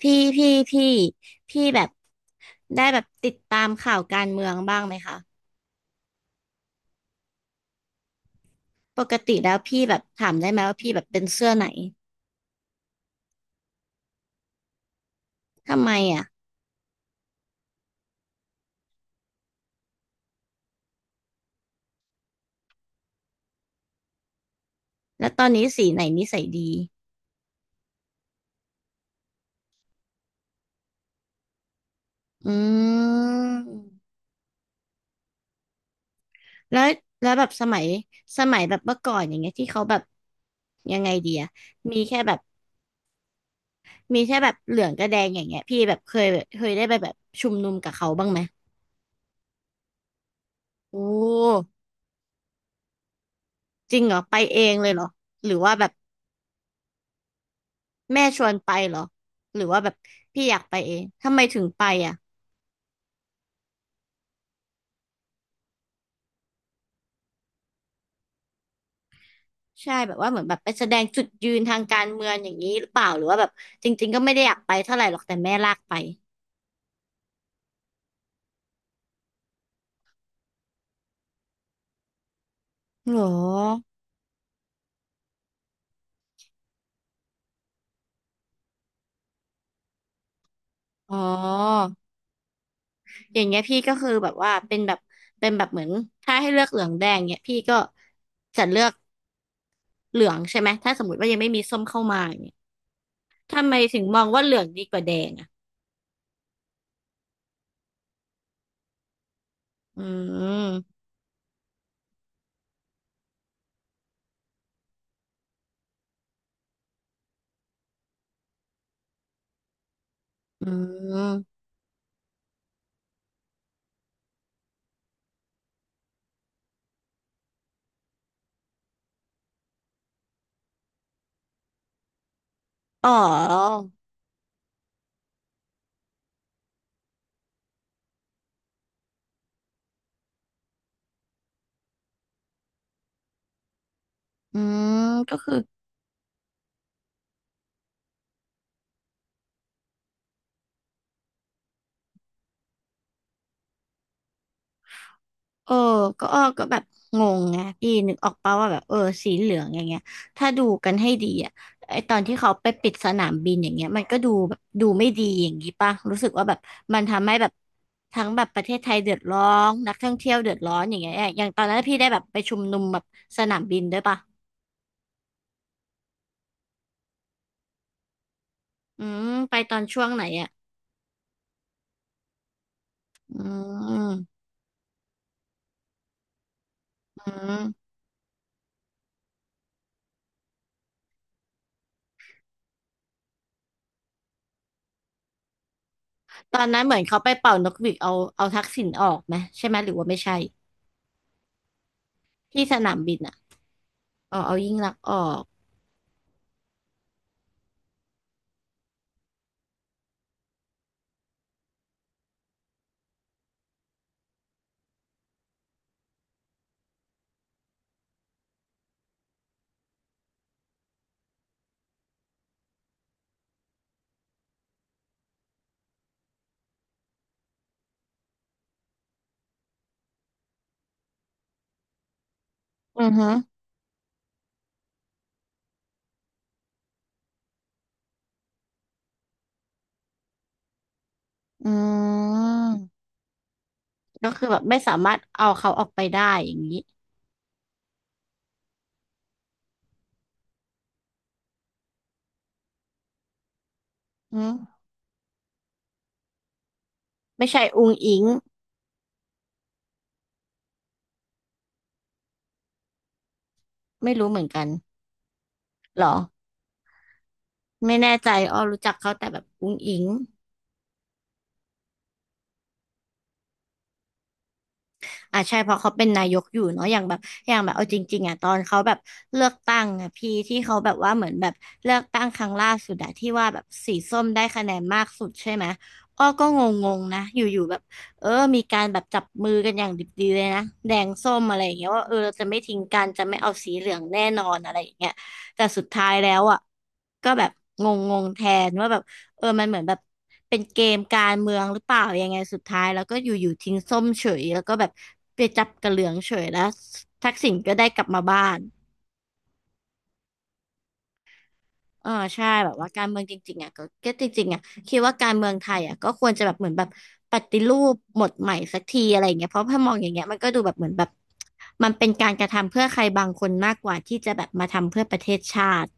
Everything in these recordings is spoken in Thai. พี่พี่พี่พี่แบบได้แบบติดตามข่าวการเมืองบ้างไหมคะปกติแล้วพี่แบบถามได้ไหมว่าพี่แบบเป็นเสื้อไหนทำไมอ่ะแล้วตอนนี้สีไหนนิสัยดีอืมแล้วแบบสมัยแบบเมื่อก่อนอย่างเงี้ยที่เขาแบบยังไงดีอะมีแค่แบบเหลืองกับแดงอย่างเงี้ยพี่แบบเคยได้ไปแบบชุมนุมกับเขาบ้างไหมโอ้จริงเหรอไปเองเลยเหรอหรือว่าแบบ แม่ชวนไปเหรอหรือว่าแบบพี่อยากไปเองทำไมถึงไปอ่ะใช่แบบว่าเหมือนแบบไปแสดงจุดยืนทางการเมืองอย่างนี้หรือเปล่าหรือว่าแบบจริงๆก็ไม่ได้อยากไปเท่าไหร่หรอกแต่แม่ลากไปหรออ๋ออย่างเงี้ยพี่ก็คือแบบว่าเป็นแบบเหมือนถ้าให้เลือกเหลืองแดงเนี้ยพี่ก็จะเลือกเหลืองใช่ไหมถ้าสมมติว่ายังไม่มีส้มเข้ามาอย่างเนี้ยทำไมถึงมองว่าเหลืองดีกว่าแดงอ่ะอืมอืมอ๋ออืมก็คือ เออก็อ้อก็แบบงงไงพี่นึกออกป่าวว่าแบบสีเหลืองอย่างเงี้ยถ้าดูกันให้ดีอ่ะไอตอนที่เขาไปปิดสนามบินอย่างเงี้ยมันก็ดูแบบดูไม่ดีอย่างงี้ป่ะรู้สึกว่าแบบมันทำให้แบบทั้งแบบประเทศไทยเดือดร้อนนักท่องเที่ยวเดือดร้อนอย่างเงี้ยอย่างตอนนั้นพี่ได้แบบไปชุมนุมแบบสนามบินด้วยป่ะอืมไปตอนช่วงไหนอ่ะอืมอืมตอนนั้นเหมือนเขาไปเป่านกหวีดเอาทักษิณออกไหมใช่ไหมหรือว่าไม่ใช่ที่สนามบินอ่ะอ๋อเอายิ่งลักษณ์ออกอือฮึ อืมก็คือแบบไม่สามารถเอาเขาออกไปได้อย่างนี้อืมไม่ใช่อุงอิงไม่รู้เหมือนกันหรอไม่แน่ใจอ้อรู้จักเขาแต่แบบอุงอิง อ่ะใช่เพราะเขาเป็นนายกอยู่เนาะอย่างแบบเอาจริงๆอ่ะตอนเขาแบบเลือกตั้งอ่ะพี่ที่เขาแบบว่าเหมือนแบบเลือกตั้งครั้งล่าสุดอะที่ว่าแบบสีส้มได้คะแนนมากสุดใช่ไหมอ้อก็งงๆนะอยู่ๆแบบเออมีการแบบจับมือกันอย่างดิบดีเลยนะแดงส้มอะไรอย่างเงี้ยว่าเออเราจะไม่ทิ้งกันจะไม่เอาสีเหลืองแน่นอนอะไรอย่างเงี้ยแต่สุดท้ายแล้วอ่ะก็แบบงงๆแทนว่าแบบ มันเหมือนแบบเป็นเกมการเมืองหรือเปล่ายังไงสุดท้ายแล้วก็อยู่ๆทิ้งส้มเฉยแล้วก็แบบไปจับกระเหลืองเฉยแล้วทักษิณก็ได้กลับมาบ้านเออใช่แบบว่าการเมืองจริงๆอ่ะก็จริงๆอ่ะคิดว่าการเมืองไทยอ่ะก็ควรจะแบบเหมือนแบบปฏิรูปหมดใหม่สักทีอะไรอย่างเงี้ยเพราะถ้ามองอย่างเงี้ยมันก็ดูแบบเหมือนแบบมันเป็นการกระทำเพื่อใครบางคนมากกว่าที่จะแบบมาทำเพื่อประเทศชาติ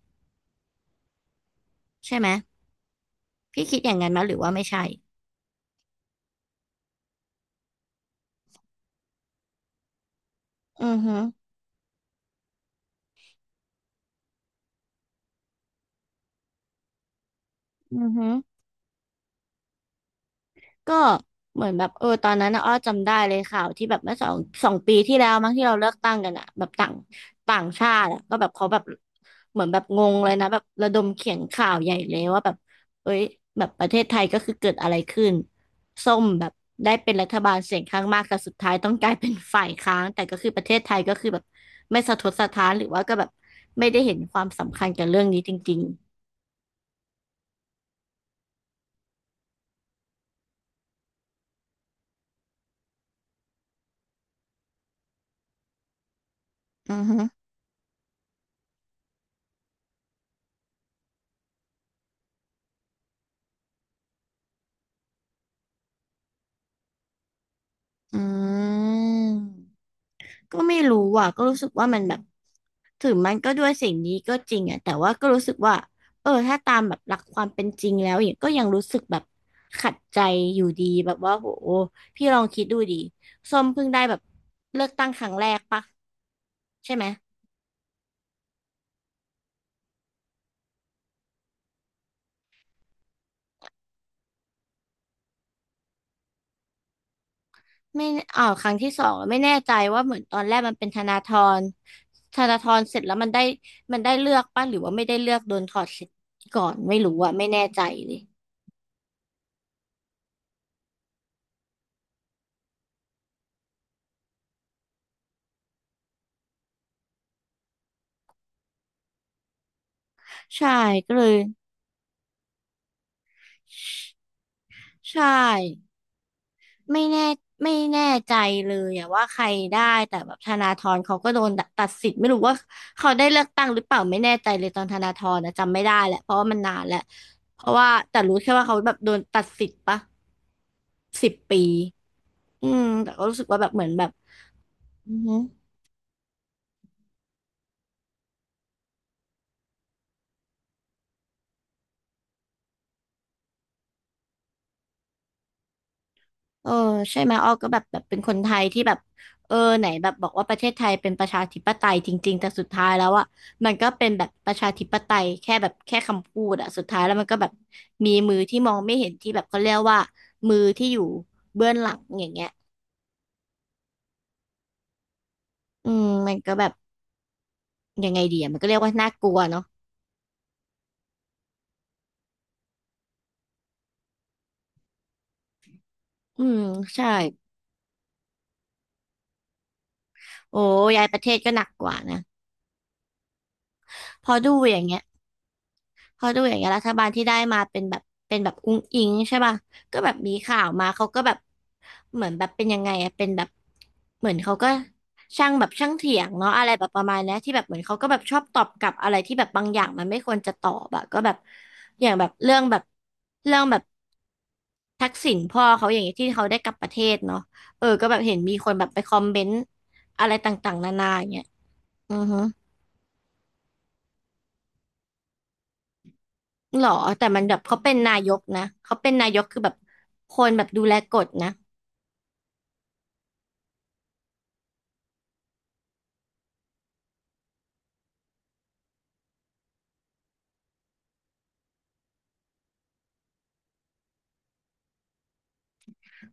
ใช่ไหมพี่คิดอย่างนั้นไหมหรือว่าไม่ใช่อือฮึอือฮึ ก็เหมือนแบบตอนนั้นนะอ้อจำได้เลยข่าวที่แบบเมื่อสองปีที่แล้วมั้งที่เราเลือกตั้งกันอะแบบต่างต่างชาติอะก็แบบเขาแบบเหมือนแบบงงเลยนะแบบระดมเขียนข่าวใหญ่เลยว่าแบบเอ้ยแบบประเทศไทยก็คือเกิดอะไรขึ้นส้มแบบได้เป็นรัฐบาลเสียงข้างมากแต่สุดท้ายต้องกลายเป็นฝ่ายค้านแต่ก็คือประเทศไทยก็คือแบบไม่สะทกสะท้านหรือว่าก็แบบไม่ได้เห็นความสำคัญกับเรื่องนี้จริงๆอือฮึอืม ก็ไม่รู้อ่ะ ก็รู้สึกว่ามันแบบถึงมันก็ด้วยสิ่งนี้ก็จริงอ่ะ แต่ว่าก็รู้สึกว่าถ้าตามแบบหลักความเป็นจริงแล้วอย่างก็ยังรู้สึกแบบขัดใจอยู่ดีแบบว่าโหพี่ลองคิดดูดิส้มเพิ่งได้แบบเลือกตั้งครั้งแรกปะใช่ไหมไม่อ่าวครั้งที่สองไม่แน่ใจว่าเหมือนตอนแรกมันเป็นธนาธรเสร็จแล้วมันได้เลือกปะหรือว่าไม่ได้เลือกโดนถอดสิทธิ์ก่อนไม่รู้อ่ะไม่แน่ใจเลยใช่ก็เลย ใช่ไม่แน่ไม่แน่ใจเลยอะว่าใครได้แต่แบบธนาธรเขาก็โดนตัดสิทธิ์ไม่รู้ว่าเขาได้เลือกตั้งหรือเปล่าไม่แน่ใจเลยตอนธนาธรนะจำไม่ได้แหละเพราะว่ามันนานแล้วเพราะว่าแต่รู้แค่ว่าเขาแบบโดนตัดสิทธิ์ปะสิบปีอืมแต่ก็รู้สึกว่าแบบเหมือนแบบอือฮึ เออใช่ไหมอ้อก็แบบแบบเป็นคนไทยที่แบบเออไหนแบบบอกว่าประเทศไทยเป็นประชาธิปไตยจริงๆแต่สุดท้ายแล้วอ่ะมันก็เป็นแบบประชาธิปไตยแค่แบบแค่คำพูดอ่ะสุดท้ายแล้วมันก็แบบมีมือที่มองไม่เห็นที่แบบเขาเรียกว่ามือที่อยู่เบื้องหลังอย่างเงี้ยอืมมันก็แบบยังไงดีอ่ะมันก็เรียกว่าน่ากลัวเนาะอืมใช่โอ้ย้ายประเทศก็หนักกว่านะพอดูอย่างเงี้ย พอดูอย่างเงี้ยรัฐบาลที่ได้มาเป็นแบบเป็นแบบอุ้งอิงใช่ป่ะก็แบบมีข่าวมาเขาก็แบบเหมือนแบบเป็นยังไงอะเป็นแบบเหมือนเขาก็ช่างแบบช่างเถียงเนาะอะไรแบบประมาณเนี้ยที่แบบเหมือนเขาก็แบบชอบตอบกลับอะไรที่แบบบางอย่างมันไม่ควรจะตอบอะก็แบบอย่างแบบเรื่องแบบเรื่องแบบทักษิณพ่อเขาอย่างเงี้ยที่เขาได้กลับประเทศเนาะเออก็แบบเห็นมีคนแบบไปคอมเมนต์อะไรต่างๆนานาอย่างเงี้ยอือฮึ หรอแต่มันแบบเขาเป็นนายกนะเขาเป็นนายกคือแบบคนแบบดูแลกฎนะ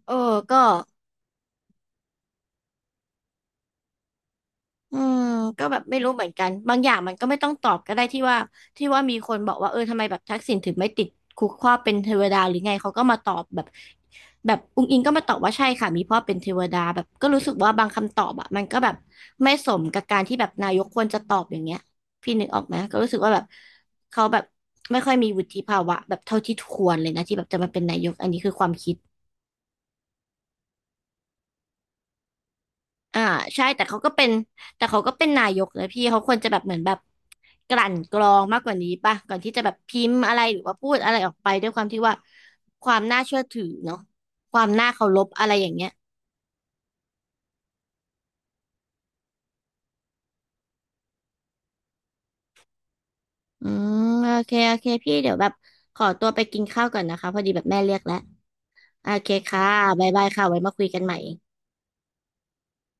เออก็ อืมก็แบบไม่รู้เหมือนกันบางอย่างมันก็ไม่ต้องตอบก็ได้ที่ว่าที่ว่ามีคนบอกว่าเออทำไมแบบทักษิณถึงไม่ติดคุกข้อเป็นเทวดาหรือไงเขาก็มาตอบแบบแบบอุ๊งอิงก็มาตอบว่าใช่ค่ะมีพ่อเป็นเทวดาแบบก็รู้สึกว่าบางคำตอบอะมันก็แบบไม่สมกับการที่แบบนายกควรจะตอบอย่างเงี้ยพี่นึกออกไหมก็รู้สึกว่าแบบเขาแบบไม่ค่อยมีวุฒิภาวะแบบเท่าที่ควรเลยนะที่แบบจะมาเป็นนายกอันนี้คือความคิด อ่าใช่แต่เขาก็เป็นแต่เขาก็เป็นนายกนะพี่เขาควรจะแบบเหมือนแบบกลั่นกรองมากกว่านี้ป่ะก่อนที่จะแบบพิมพ์อะไรหรือว่าพูดอะไรออกไปด้วยความที่ว่าความน่าเชื่อถือเนาะความน่าเคารพอะไรอย่างเงี้ยอืมโอเคโอเคพี่เดี๋ยวแบบขอตัวไปกินข้าวก่อนนะคะพอดีแบบแม่เรียกแล้วโอเคค่ะบ๊ายบายค่ะไว้มาคุยกันใหม่